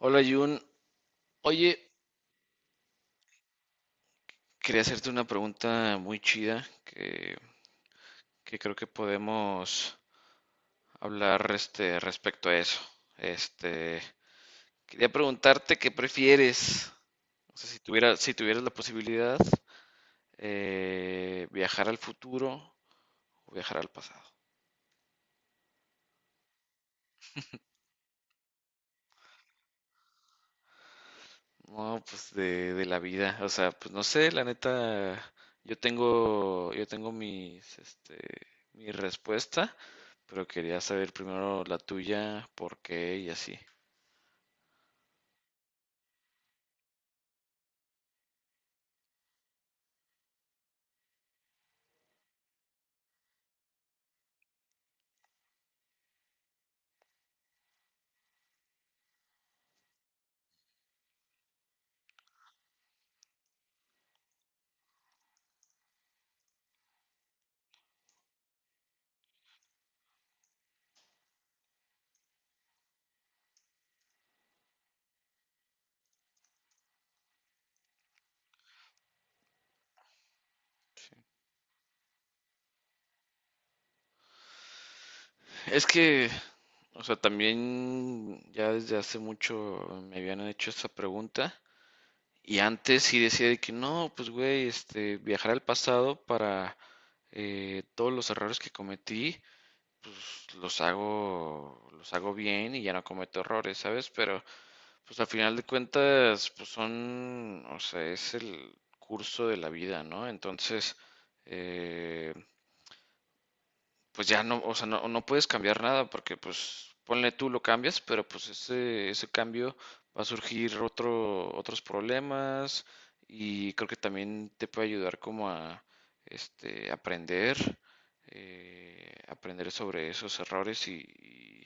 Hola Jun, oye, quería hacerte una pregunta muy chida que creo que podemos hablar respecto a eso. Este, Quería preguntarte qué prefieres, o sea, si tuvieras la posibilidad, viajar al futuro o viajar al pasado. No, pues de la vida, o sea, pues no sé, la neta, yo tengo mis mi respuesta. Pero quería saber primero la tuya, por qué y así. Es que, o sea, también ya desde hace mucho me habían hecho esa pregunta y antes sí decía de que no, pues güey, viajar al pasado para todos los errores que cometí, pues los hago bien y ya no cometo errores, ¿sabes? Pero pues al final de cuentas, pues son, o sea, es el curso de la vida, ¿no? Entonces, eh, pues ya no, o sea, no puedes cambiar nada porque pues ponle tú lo cambias, pero pues ese cambio va a surgir otros problemas, y creo que también te puede ayudar como a aprender, aprender sobre esos errores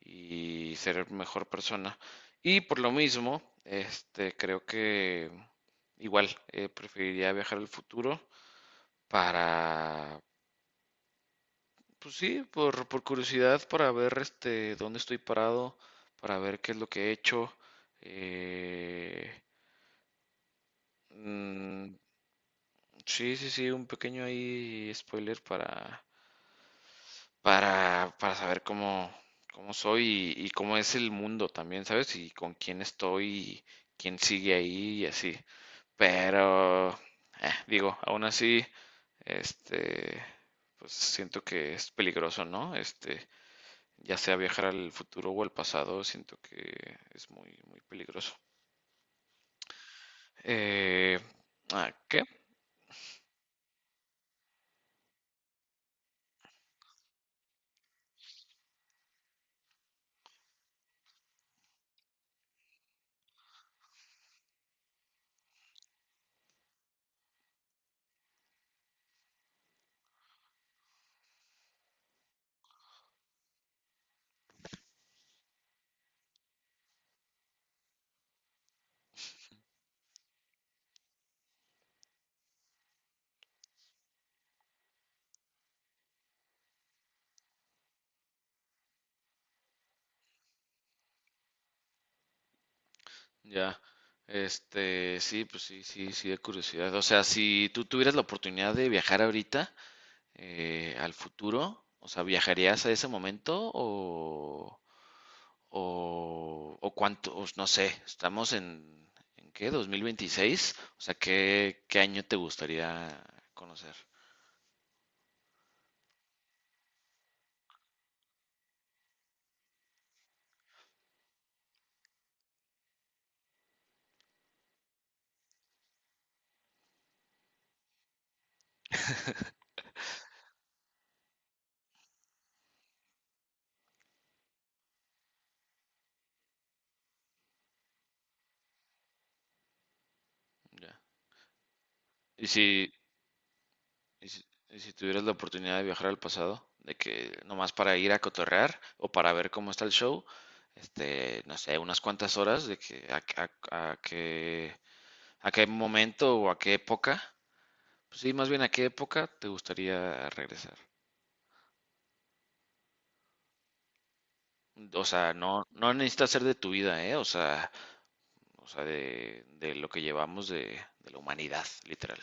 y ser mejor persona. Y por lo mismo, creo que igual preferiría viajar al futuro para pues sí, por curiosidad, para ver este dónde estoy parado, para ver qué es lo que he hecho. eh, mm, sí, sí, sí, un pequeño ahí spoiler para saber cómo soy y cómo es el mundo también, ¿sabes? Y con quién estoy, y quién sigue ahí y así. Pero, digo, aún así, este, pues siento que es peligroso, ¿no? Ya sea viajar al futuro o al pasado, siento que es muy peligroso. Eh, ¿A qué? Ya. Sí, pues sí, sí, sí, de curiosidad. O sea, si tú tuvieras la oportunidad de viajar ahorita al futuro, o sea, ¿viajarías a ese momento o cuánto? O no sé, estamos ¿en qué? ¿2026? O sea, ¿qué año te gustaría conocer? Ya. Y si, Y si, y si tuvieras la oportunidad de viajar al pasado, de que nomás para ir a cotorrear o para ver cómo está el show, no sé, unas cuantas horas de que a- a qué, a qué momento o a qué época, pues sí, más bien a qué época te gustaría regresar. O sea, no necesita ser de tu vida, ¿eh? O sea, de lo que llevamos de la humanidad, literal.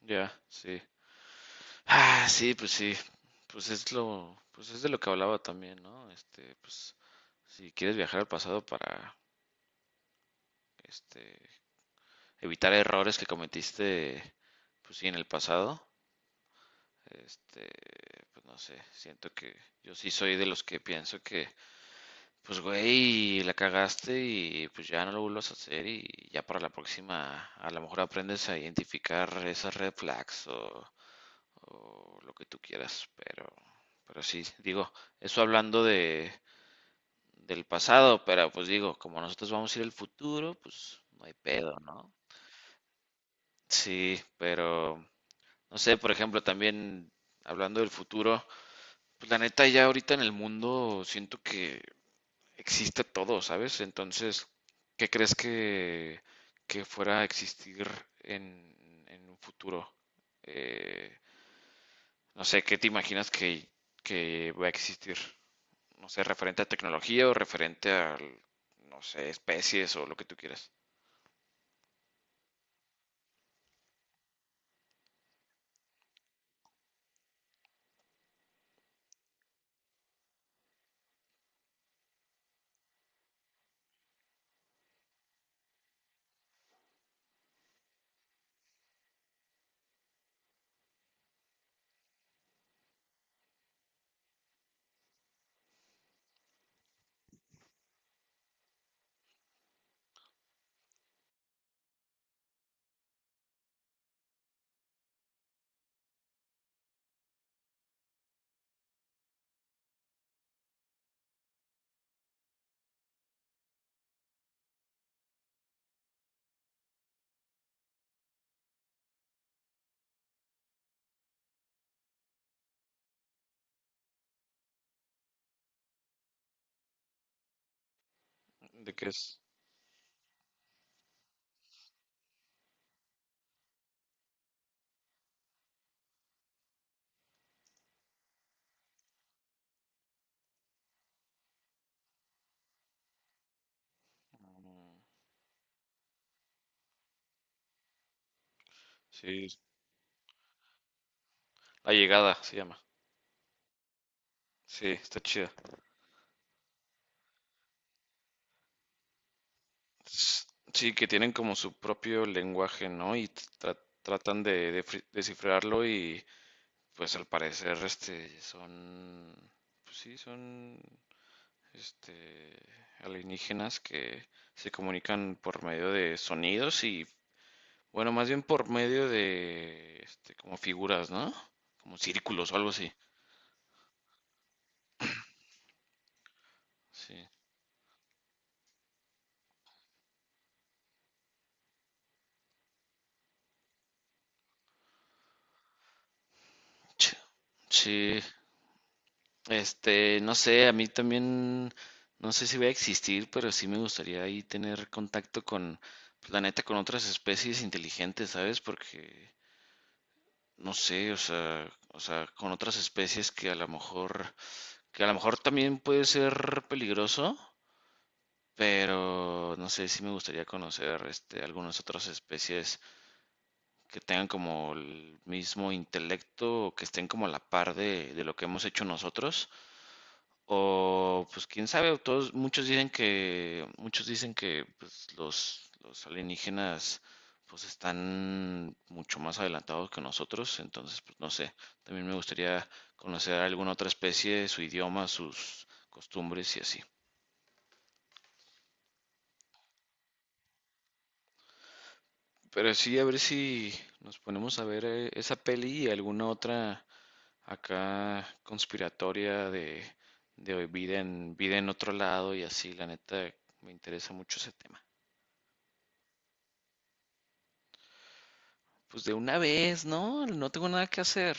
Ya, sí. Ah, sí, pues sí, pues es de lo que hablaba también, ¿no? Este, pues si quieres viajar al pasado para, este, evitar errores que cometiste, pues sí, en el pasado, este, pues no sé, siento que yo sí soy de los que pienso que, pues güey, la cagaste y pues ya no lo vuelvas a hacer y ya para la próxima a lo mejor aprendes a identificar esas red flags o lo que tú quieras, pero sí, digo, eso hablando del pasado, pero pues digo, como nosotros vamos a ir al futuro, pues no hay pedo, ¿no? Sí, pero no sé, por ejemplo, también hablando del futuro, pues la neta ya ahorita en el mundo siento que existe todo, ¿sabes? Entonces, ¿qué crees que, que fuera a existir en un futuro? Eh, no sé, ¿qué te imaginas que va a existir? No sé, referente a tecnología o referente a, no sé, especies o lo que tú quieras. ¿De qué es? Sí, La Llegada se llama. Sí, está chida. S- Sí, que tienen como su propio lenguaje, ¿no? Y tratan de, descifrarlo, y pues al parecer son, pues sí, son este alienígenas que se comunican por medio de sonidos y bueno, más bien por medio de, como figuras, ¿no? Como círculos o algo así. Sí. Ch- Sí. No sé, a mí también, no sé si voy a existir, pero sí me gustaría ahí tener contacto con, pues, la neta, con otras especies inteligentes, ¿sabes? Porque, no sé, o sea, con otras especies que a lo mejor, que a lo mejor también puede ser peligroso, pero no sé, sí me gustaría conocer, algunas otras especies que tengan como el mismo intelecto, o que estén como a la par de lo que hemos hecho nosotros. O pues quién sabe, muchos dicen que pues, los alienígenas pues están mucho más adelantados que nosotros, entonces pues no sé, también me gustaría conocer a alguna otra especie, su idioma, sus costumbres y así. Pero sí, a ver si nos ponemos a ver esa peli y alguna otra acá conspiratoria de vida en otro lado y así, la neta, me interesa mucho ese tema. Pues de una vez, ¿no? No tengo nada que hacer.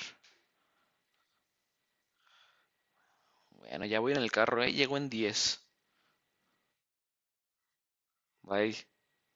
Bueno, ya voy en el carro, ¿eh? Llego en diez. Bye.